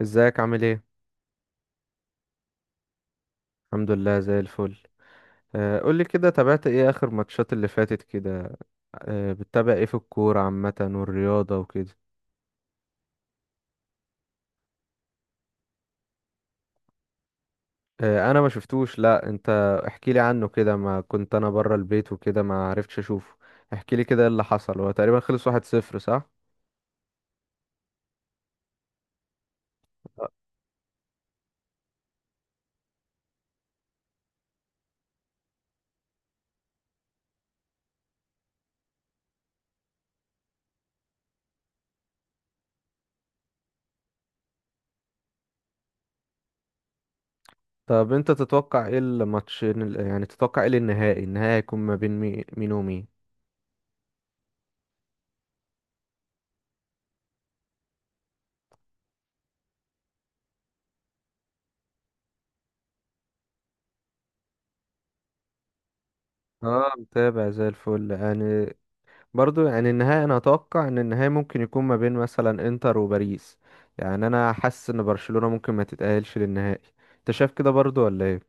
ازيك عامل ايه؟ الحمد لله زي الفل. قولي كده، تابعت ايه اخر ماتشات اللي فاتت كده؟ بتتابع ايه في الكورة عامة والرياضة وكده؟ انا ما شفتوش. لا انت احكي لي عنه كده، ما كنت انا بره البيت وكده ما عرفتش اشوفه. احكي لي كده ايه اللي حصل، هو تقريبا خلص 1-0 صح؟ طب انت تتوقع ايه الماتش، يعني تتوقع ايه النهائي هيكون ما بين مين ومين؟ اه، متابع زي الفل يعني. برضو يعني النهاية أنا أتوقع إن النهاية ممكن يكون ما بين مثلا إنتر وباريس. يعني أنا حاسس إن برشلونة ممكن ما تتأهلش للنهائي. أنت شايف كده برضو ولا إيه؟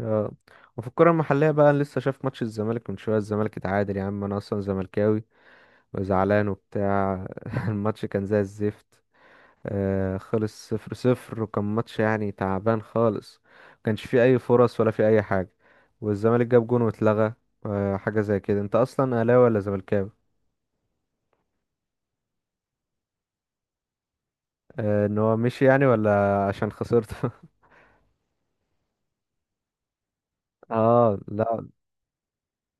آه. وفي الكرة المحلية بقى، أنا لسه شايف ماتش الزمالك من شوية، الزمالك اتعادل يا عم. أنا أصلا زملكاوي وزعلان وبتاع الماتش كان زي الزفت. خلص 0-0، وكان ماتش يعني تعبان خالص. مكانش فيه أي فرص ولا فيه أي حاجة. والزمالك جاب جون واتلغى. آه، حاجة زي كده. أنت أصلا أهلاوي ولا زملكاوي؟ ان هو مشي يعني، ولا عشان خسرته؟ اه لا.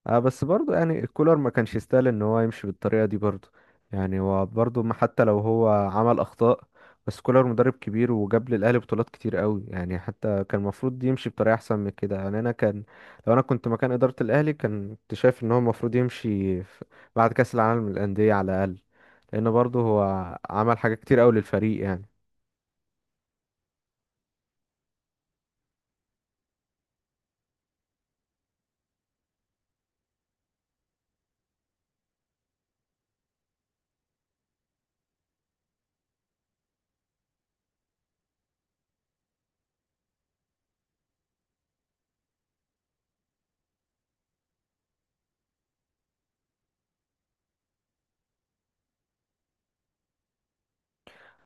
بس برضو يعني الكولر ما كانش يستاهل ان هو يمشي بالطريقه دي برضو. يعني هو برضو ما، حتى لو هو عمل اخطاء، بس كولر مدرب كبير وجاب للاهلي بطولات كتير قوي، يعني حتى كان المفروض يمشي بطريقه احسن من كده. يعني انا كان، لو انا كنت مكان اداره الاهلي، كنت شايف ان هو المفروض يمشي بعد كاس العالم للانديه على الاقل، لان برضو هو عمل حاجات كتير قوي للفريق يعني.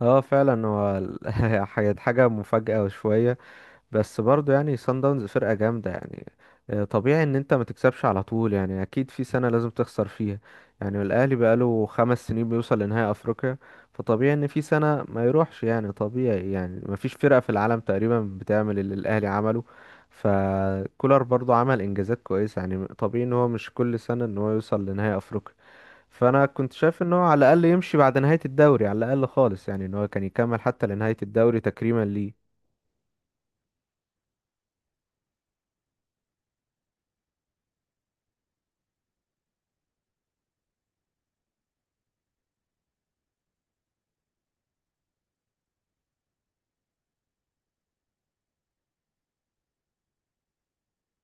اه فعلا، هو حاجة مفاجاه شويه. بس برضو يعني سان داونز فرقة جامدة يعني. طبيعي ان انت ما تكسبش على طول يعني، اكيد في سنة لازم تخسر فيها. يعني الاهلي بقاله 5 سنين بيوصل لنهائي افريقيا، فطبيعي ان في سنة ما يروحش يعني. طبيعي، يعني ما فيش فرقة في العالم تقريبا بتعمل اللي الاهلي عمله. فكولر برضو عمل انجازات كويسة، يعني طبيعي ان هو مش كل سنة ان هو يوصل لنهائي افريقيا. فانا كنت شايف ان هو على الاقل يمشي بعد نهاية الدوري على الاقل خالص، يعني ان هو كان يكمل حتى لنهاية الدوري تكريما ليه.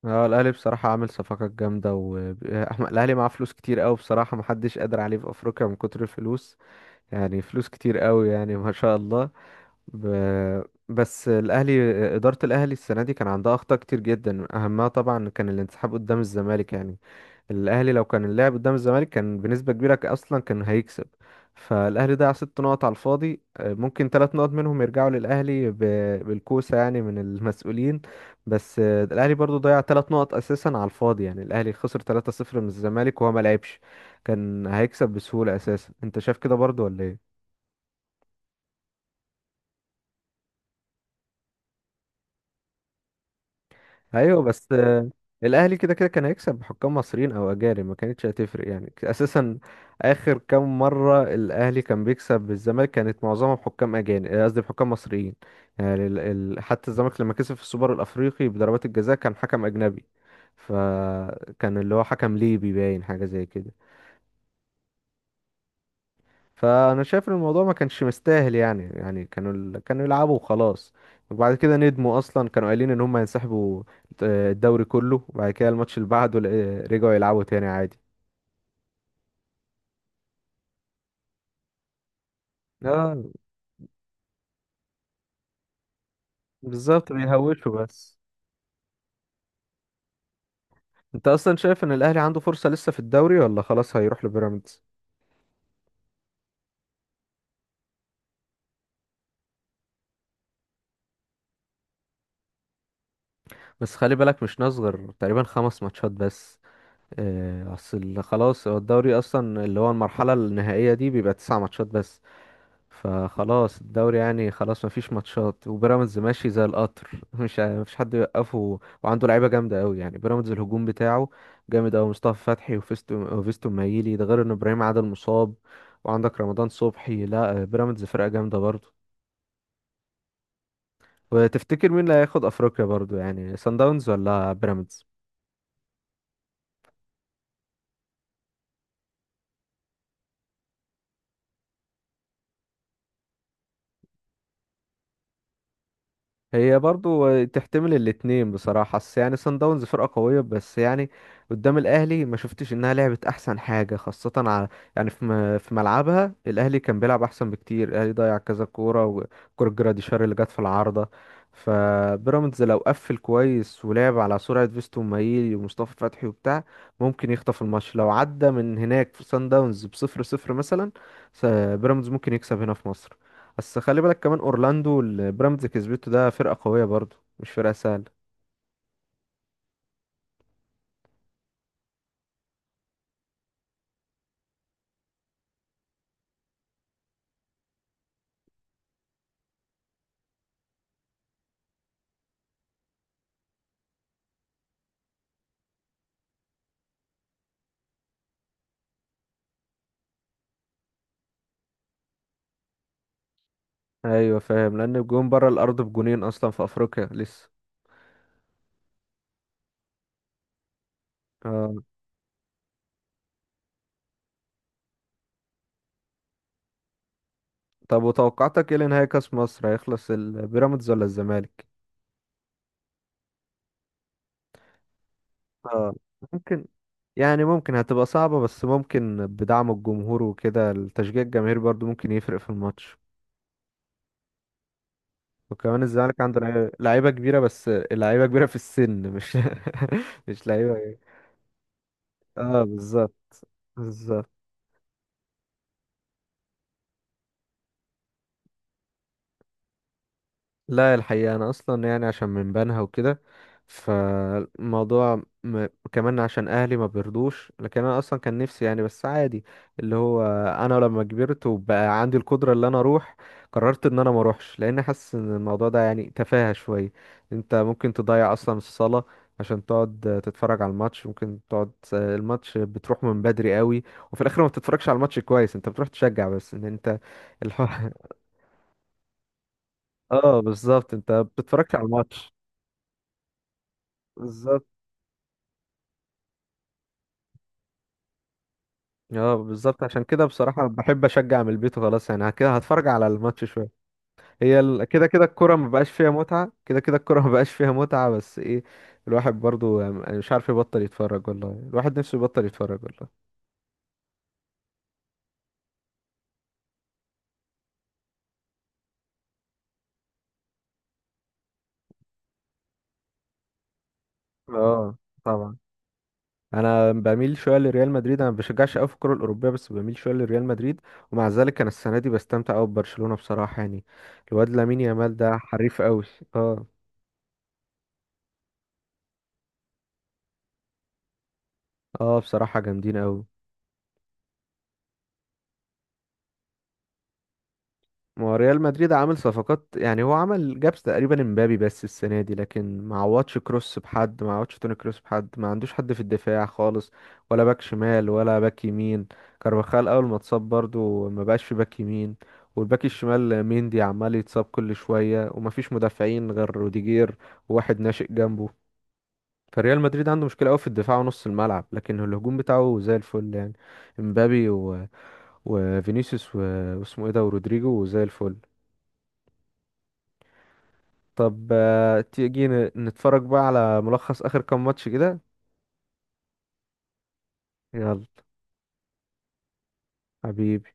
اه الاهلي بصراحه عامل صفقات جامده و الاهلي معاه فلوس كتير قوي بصراحه، محدش قادر عليه في افريقيا من كتر الفلوس. يعني فلوس كتير قوي يعني ما شاء الله. ب... بس الاهلي، اداره الاهلي السنه دي كان عندها اخطاء كتير جدا، اهمها طبعا كان الانسحاب قدام الزمالك يعني. الاهلي لو كان اللعب قدام الزمالك كان بنسبه كبيره اصلا كان هيكسب. فالاهلي ضيع 6 نقط على الفاضي، ممكن 3 نقط منهم يرجعوا للاهلي بالكوسه يعني من المسؤولين. بس الاهلي برضو ضيع 3 نقط اساسا على الفاضي، يعني الاهلي خسر 3-0 من الزمالك وهو ما لعبش. كان هيكسب بسهوله اساسا، انت شايف كده برضو ولا ايه؟ ايوه بس الاهلي كده كده كان هيكسب بحكام مصريين او اجانب، ما كانتش هتفرق يعني اساسا. اخر كام مره الاهلي كان بيكسب بالزمالك كانت معظمها بحكام اجانب، آه، قصدي بحكام مصريين. يعني حتى الزمالك لما كسب في السوبر الافريقي بضربات الجزاء كان حكم اجنبي. فكان اللي هو حكم ليبي باين حاجه زي كده. فانا شايف ان الموضوع ما كانش مستاهل يعني، يعني كانوا كانوا يلعبوا وخلاص. وبعد كده ندموا، اصلا كانوا قايلين ان هم هينسحبوا الدوري كله، وبعد كده الماتش اللي بعده رجعوا يلعبوا تاني عادي. اه بالظبط، بيهوشوا بس. انت اصلا شايف ان الاهلي عنده فرصة لسه في الدوري ولا خلاص هيروح لبيراميدز؟ بس خلي بالك مش نصغر، تقريبا 5 ماتشات بس. اصل خلاص هو الدوري اصلا اللي هو المرحلة النهائية دي بيبقى 9 ماتشات بس. فخلاص الدوري يعني، خلاص مفيش ماتشات، وبيراميدز ماشي زي القطر مش ع- مفيش حد يوقفه، وعنده لعيبه جامده قوي يعني. بيراميدز الهجوم بتاعه جامد قوي، مصطفى فتحي وفيستو، وفيستو مايلي ده، غير ان ابراهيم عادل مصاب، وعندك رمضان صبحي. لا بيراميدز فرقه جامده برضه. وتفتكر مين اللي هياخد افريقيا برضه، يعني سان داونز ولا بيراميدز؟ هي برضو تحتمل الاتنين بصراحة، بس يعني سان داونز فرقة قوية. بس يعني قدام الأهلي ما شفتش إنها لعبت أحسن حاجة، خاصة على، يعني في ملعبها الأهلي كان بيلعب أحسن بكتير. الأهلي ضيع كذا كورة، وكورة جراديشار اللي جت في العارضة. فبيراميدز لو قفل كويس ولعب على سرعة فيستو مايلي ومصطفى فتحي وبتاع، ممكن يخطف الماتش لو عدى من هناك في سان داونز ب0-0 مثلا. س- بيراميدز ممكن يكسب هنا في مصر. بس خلي بالك كمان، اورلاندو اللي بيراميدز كسبته ده فرقة قوية برضو، مش فرقة سهلة. ايوه فاهم، لان الجون بره الارض بجونين اصلا في افريقيا لسه. آه. طب وتوقعاتك ايه لنهائي كاس مصر، هيخلص البيراميدز ولا الزمالك؟ اه ممكن. يعني ممكن هتبقى صعبة، بس ممكن بدعم الجمهور وكده، التشجيع الجماهيري برضو ممكن يفرق في الماتش. وكمان الزمالك عنده لعيبة كبيرة، بس اللعيبة كبيرة في السن، مش مش لعيبة. اه بالظبط. بالظبط. لا الحقيقة، أنا أصلا يعني عشان من بنها وكده، فالموضوع كمان عشان أهلي ما بيرضوش، لكن أنا أصلا كان نفسي يعني، بس عادي. اللي هو، أنا لما كبرت وبقى عندي القدرة اللي أنا أروح، قررت إن أنا ما أروحش، لأن حاسس إن الموضوع ده يعني تفاهة شوية. أنت ممكن تضيع أصلا الصلاة عشان تقعد تتفرج على الماتش. ممكن تقعد الماتش بتروح من بدري قوي، وفي الآخر ما بتتفرجش على الماتش كويس، أنت بتروح تشجع بس إن أنت الحوار. اه بالظبط، انت بتتفرجش على الماتش. بالظبط. اه بالظبط، عشان كده بصراحة بحب اشجع من البيت وخلاص، يعني كده هتفرج على الماتش شوية. هي كده كده الكرة ما بقاش فيها متعة، كده كده الكرة ما بقاش فيها متعة، بس ايه؟ الواحد برضو يعني مش عارف يبطل يتفرج والله، الواحد نفسه يبطل يتفرج والله. اه طبعا. انا بميل شويه لريال مدريد، انا ما بشجعش قوي في الكره الاوروبيه بس بميل شويه لريال مدريد. ومع ذلك انا السنه دي بستمتع قوي ببرشلونه بصراحه يعني. الواد لامين يامال ده حريف قوي. اه. اه بصراحه جامدين قوي. ما هو ريال مدريد عامل صفقات يعني، هو عمل جابس تقريبا امبابي بس السنه دي، لكن ما عوضش كروس، بحد ما عوضش توني كروس، بحد ما عندوش حد في الدفاع خالص، ولا باك شمال ولا باك يمين. كارفاخال اول ما اتصاب برضو ما بقاش في باك يمين، والباك الشمال ميندي عمال يتصاب كل شويه، وما فيش مدافعين غير روديجير وواحد ناشئ جنبه. فريال مدريد عنده مشكله قوي في الدفاع ونص الملعب، لكن الهجوم بتاعه زي الفل يعني. امبابي و... وفينيسيوس و... واسمه ايه ده ورودريجو زي الفل. طب تيجي نتفرج بقى على ملخص آخر كام ماتش كده. يلا حبيبي.